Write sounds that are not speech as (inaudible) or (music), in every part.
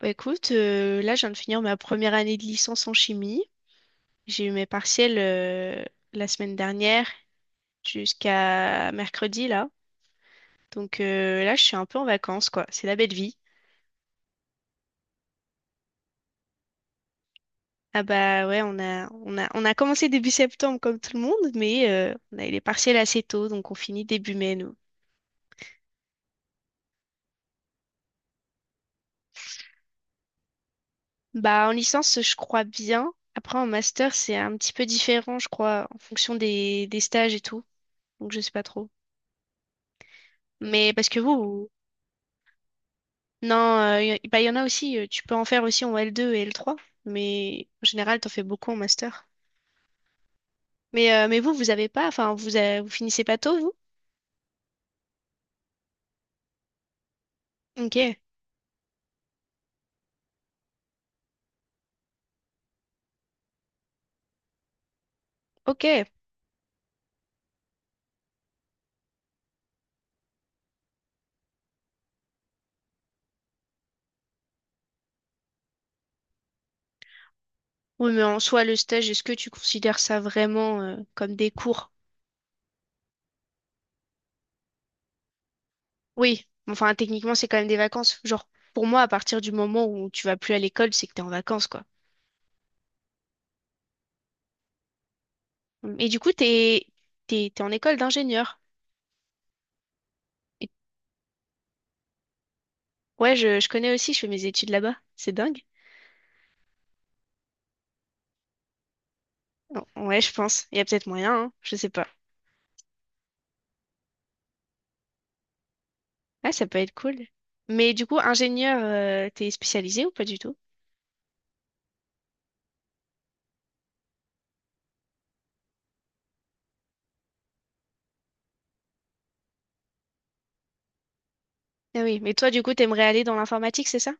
Bah écoute, là, je viens de finir ma première année de licence en chimie. J'ai eu mes partiels la semaine dernière jusqu'à mercredi, là. Donc là, je suis un peu en vacances, quoi. C'est la belle vie. Ah bah ouais, on a commencé début septembre comme tout le monde, mais on a eu les partiels assez tôt, donc on finit début mai, nous. Bah en licence, je crois bien. Après, en master, c'est un petit peu différent, je crois, en fonction des stages et tout. Donc je sais pas trop. Mais parce que vous, non, bah, il y en a aussi, tu peux en faire aussi en L2 et L3, mais en général, t'en fais beaucoup en master. Mais vous, vous avez pas, enfin, vous, avez- vous finissez pas tôt, vous? Ok, ok. Oui, mais en soi, le stage, est-ce que tu considères ça vraiment comme des cours? Oui, enfin, techniquement, c'est quand même des vacances. Genre, pour moi, à partir du moment où tu vas plus à l'école, c'est que t'es en vacances, quoi. Et du coup, t'es en école d'ingénieur. Et- ouais, je connais aussi, je fais mes études là-bas. C'est dingue. Ouais, je pense. Il y a peut-être moyen, hein, je sais pas. Ah, ça peut être cool. Mais du coup, ingénieur, t'es spécialisé ou pas du tout? Ah oui, mais toi, du coup, t'aimerais aller dans l'informatique, c'est ça?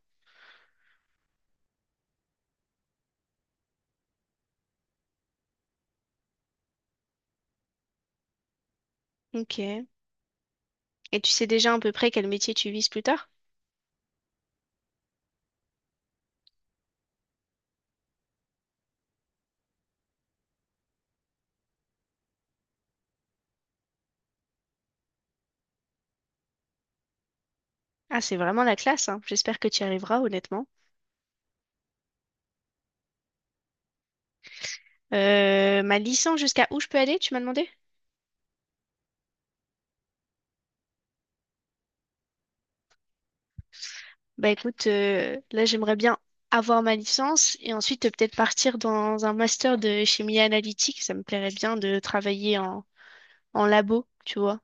Ok. Et tu sais déjà à peu près quel métier tu vises plus tard? Ah, c'est vraiment la classe, hein. J'espère que tu y arriveras, honnêtement. Ma licence, jusqu'à où je peux aller, tu m'as demandé? Bah écoute, là j'aimerais bien avoir ma licence et ensuite peut-être partir dans un master de chimie analytique. Ça me plairait bien de travailler en, en labo, tu vois.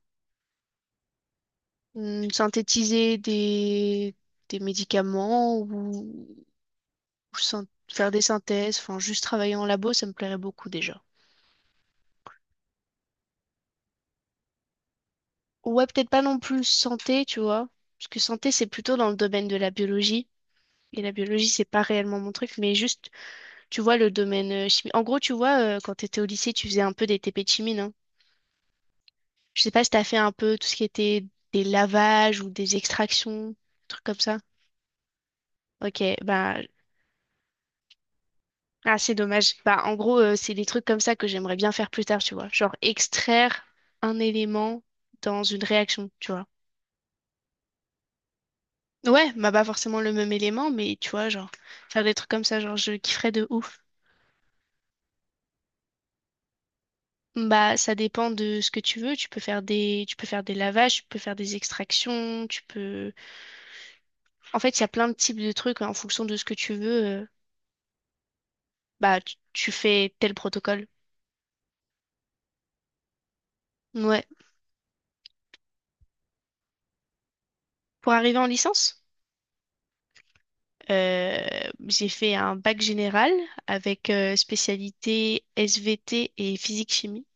Hmm, synthétiser des médicaments ou syn- faire des synthèses, enfin juste travailler en labo, ça me plairait beaucoup déjà. Ouais, peut-être pas non plus santé, tu vois. Parce que santé, c'est plutôt dans le domaine de la biologie. Et la biologie, c'est pas réellement mon truc, mais juste, tu vois, le domaine chimie. En gros, tu vois, quand t'étais au lycée, tu faisais un peu des TP de chimie, non? Je sais pas si t'as fait un peu tout ce qui était des lavages ou des extractions, trucs comme ça. Ok, bah, ah, c'est dommage. Bah, en gros, c'est des trucs comme ça que j'aimerais bien faire plus tard, tu vois. Genre, extraire un élément dans une réaction, tu vois. Ouais, bah, pas forcément le même élément, mais tu vois, genre, faire des trucs comme ça, genre, je kifferais de ouf. Bah, ça dépend de ce que tu veux. Tu peux faire des lavages, tu peux faire des extractions, tu peux. En fait, il y a plein de types de trucs en fonction de ce que tu veux. Bah, tu fais tel protocole. Ouais. Pour arriver en licence, euh, j'ai fait un bac général avec spécialité SVT et physique-chimie.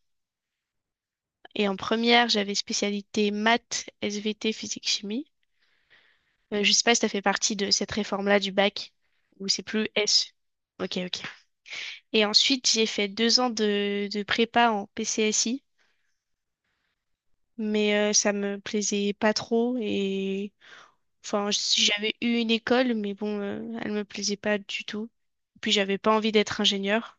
Et en première, j'avais spécialité maths, SVT, physique-chimie. Je sais pas si ça fait partie de cette réforme-là du bac, où c'est plus S. Ok, ok. Et ensuite, j'ai fait deux ans de prépa en PCSI, mais ça me plaisait pas trop. Et enfin, si j'avais eu une école, mais bon, elle me plaisait pas du tout. Puis j'avais pas envie d'être ingénieur.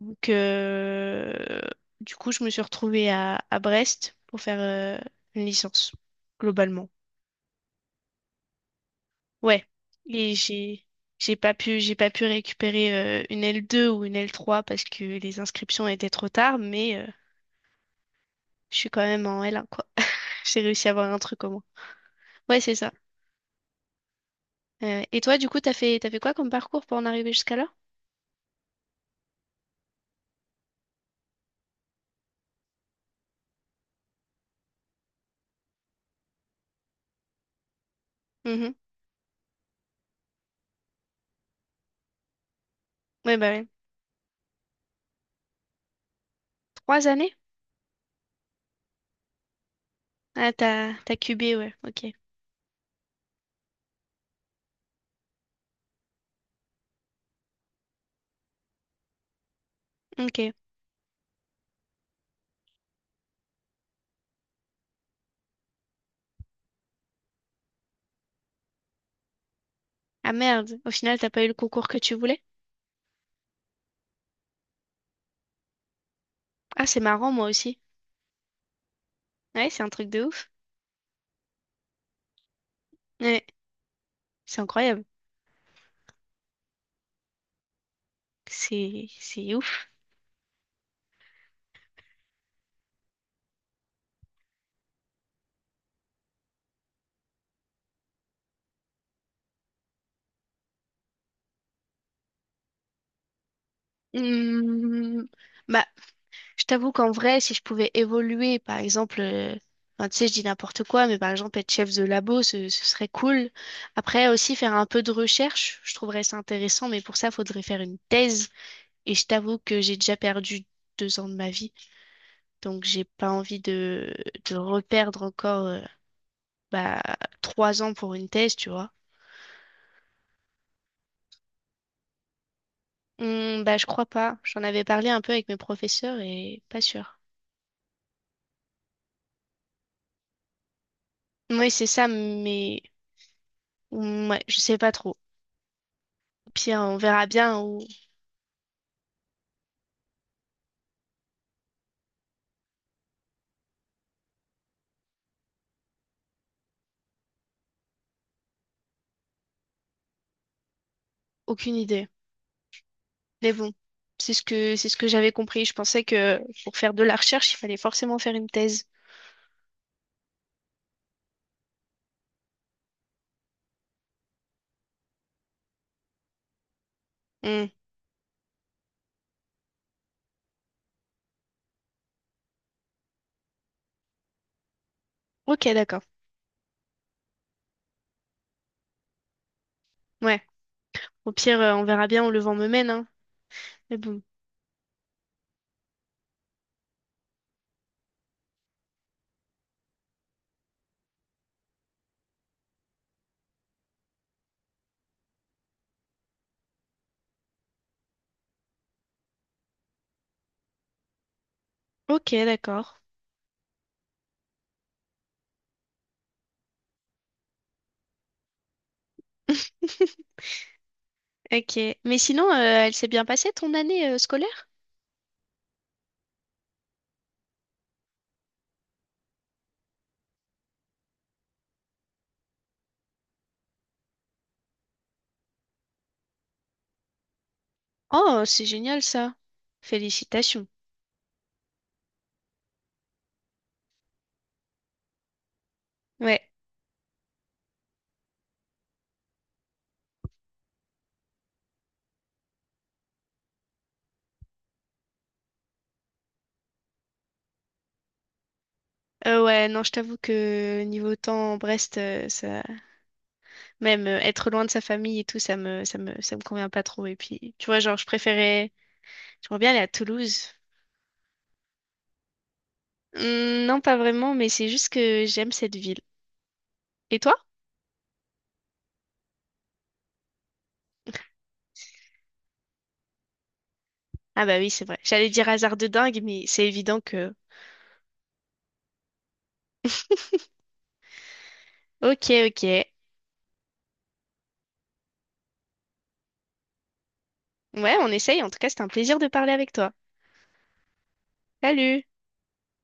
Donc, du coup, je me suis retrouvée à Brest pour faire une licence, globalement. Ouais. Et j'ai pas pu récupérer une L2 ou une L3 parce que les inscriptions étaient trop tard, mais je suis quand même en L1. J'ai réussi à avoir un truc au moins. Ouais, c'est ça. Et toi, du coup, t'as fait quoi comme parcours pour en arriver jusqu'à là? Mhm. Ouais, bah ouais. Trois années? Ah, t'as cubé, ouais. Ok. Ok. Ah merde. Au final, t'as pas eu le concours que tu voulais? Ah, c'est marrant, moi aussi. Ouais, c'est un truc de ouf. Ouais, c'est incroyable. C'est ouf. Hmm. Bah, je t'avoue qu'en vrai, si je pouvais évoluer, par exemple, tu sais, je dis n'importe quoi, mais par exemple, être chef de labo, ce serait cool. Après, aussi, faire un peu de recherche, je trouverais ça intéressant, mais pour ça, faudrait faire une thèse. Et je t'avoue que j'ai déjà perdu deux ans de ma vie, donc j'ai pas envie de reperdre encore bah, trois ans pour une thèse, tu vois. Bah, je crois pas. J'en avais parlé un peu avec mes professeurs et pas sûr. Oui, c'est ça, mais ouais, je sais pas trop. Pire, on verra bien où. Aucune idée. Mais bon, c'est ce que j'avais compris. Je pensais que pour faire de la recherche, il fallait forcément faire une thèse. Hmm. Ok, d'accord. Ouais. Au pire, on verra bien où le vent me mène, hein. Mais bon. Ok, d'accord. (laughs) Ok. Mais sinon, elle s'est bien passée ton année scolaire? Oh, c'est génial ça. Félicitations. Ouais. Ouais, non, je t'avoue que niveau temps, Brest, ça, même être loin de sa famille et tout, ça me convient pas trop. Et puis, tu vois, genre, je préférais, j'aimerais bien aller à Toulouse. Hmm, non, pas vraiment, mais c'est juste que j'aime cette ville. Et toi? Ah bah oui, c'est vrai. J'allais dire hasard de dingue, mais c'est évident que... Ok, ok. Ouais, on essaye. En tout cas, c'était un plaisir de parler avec toi. Salut!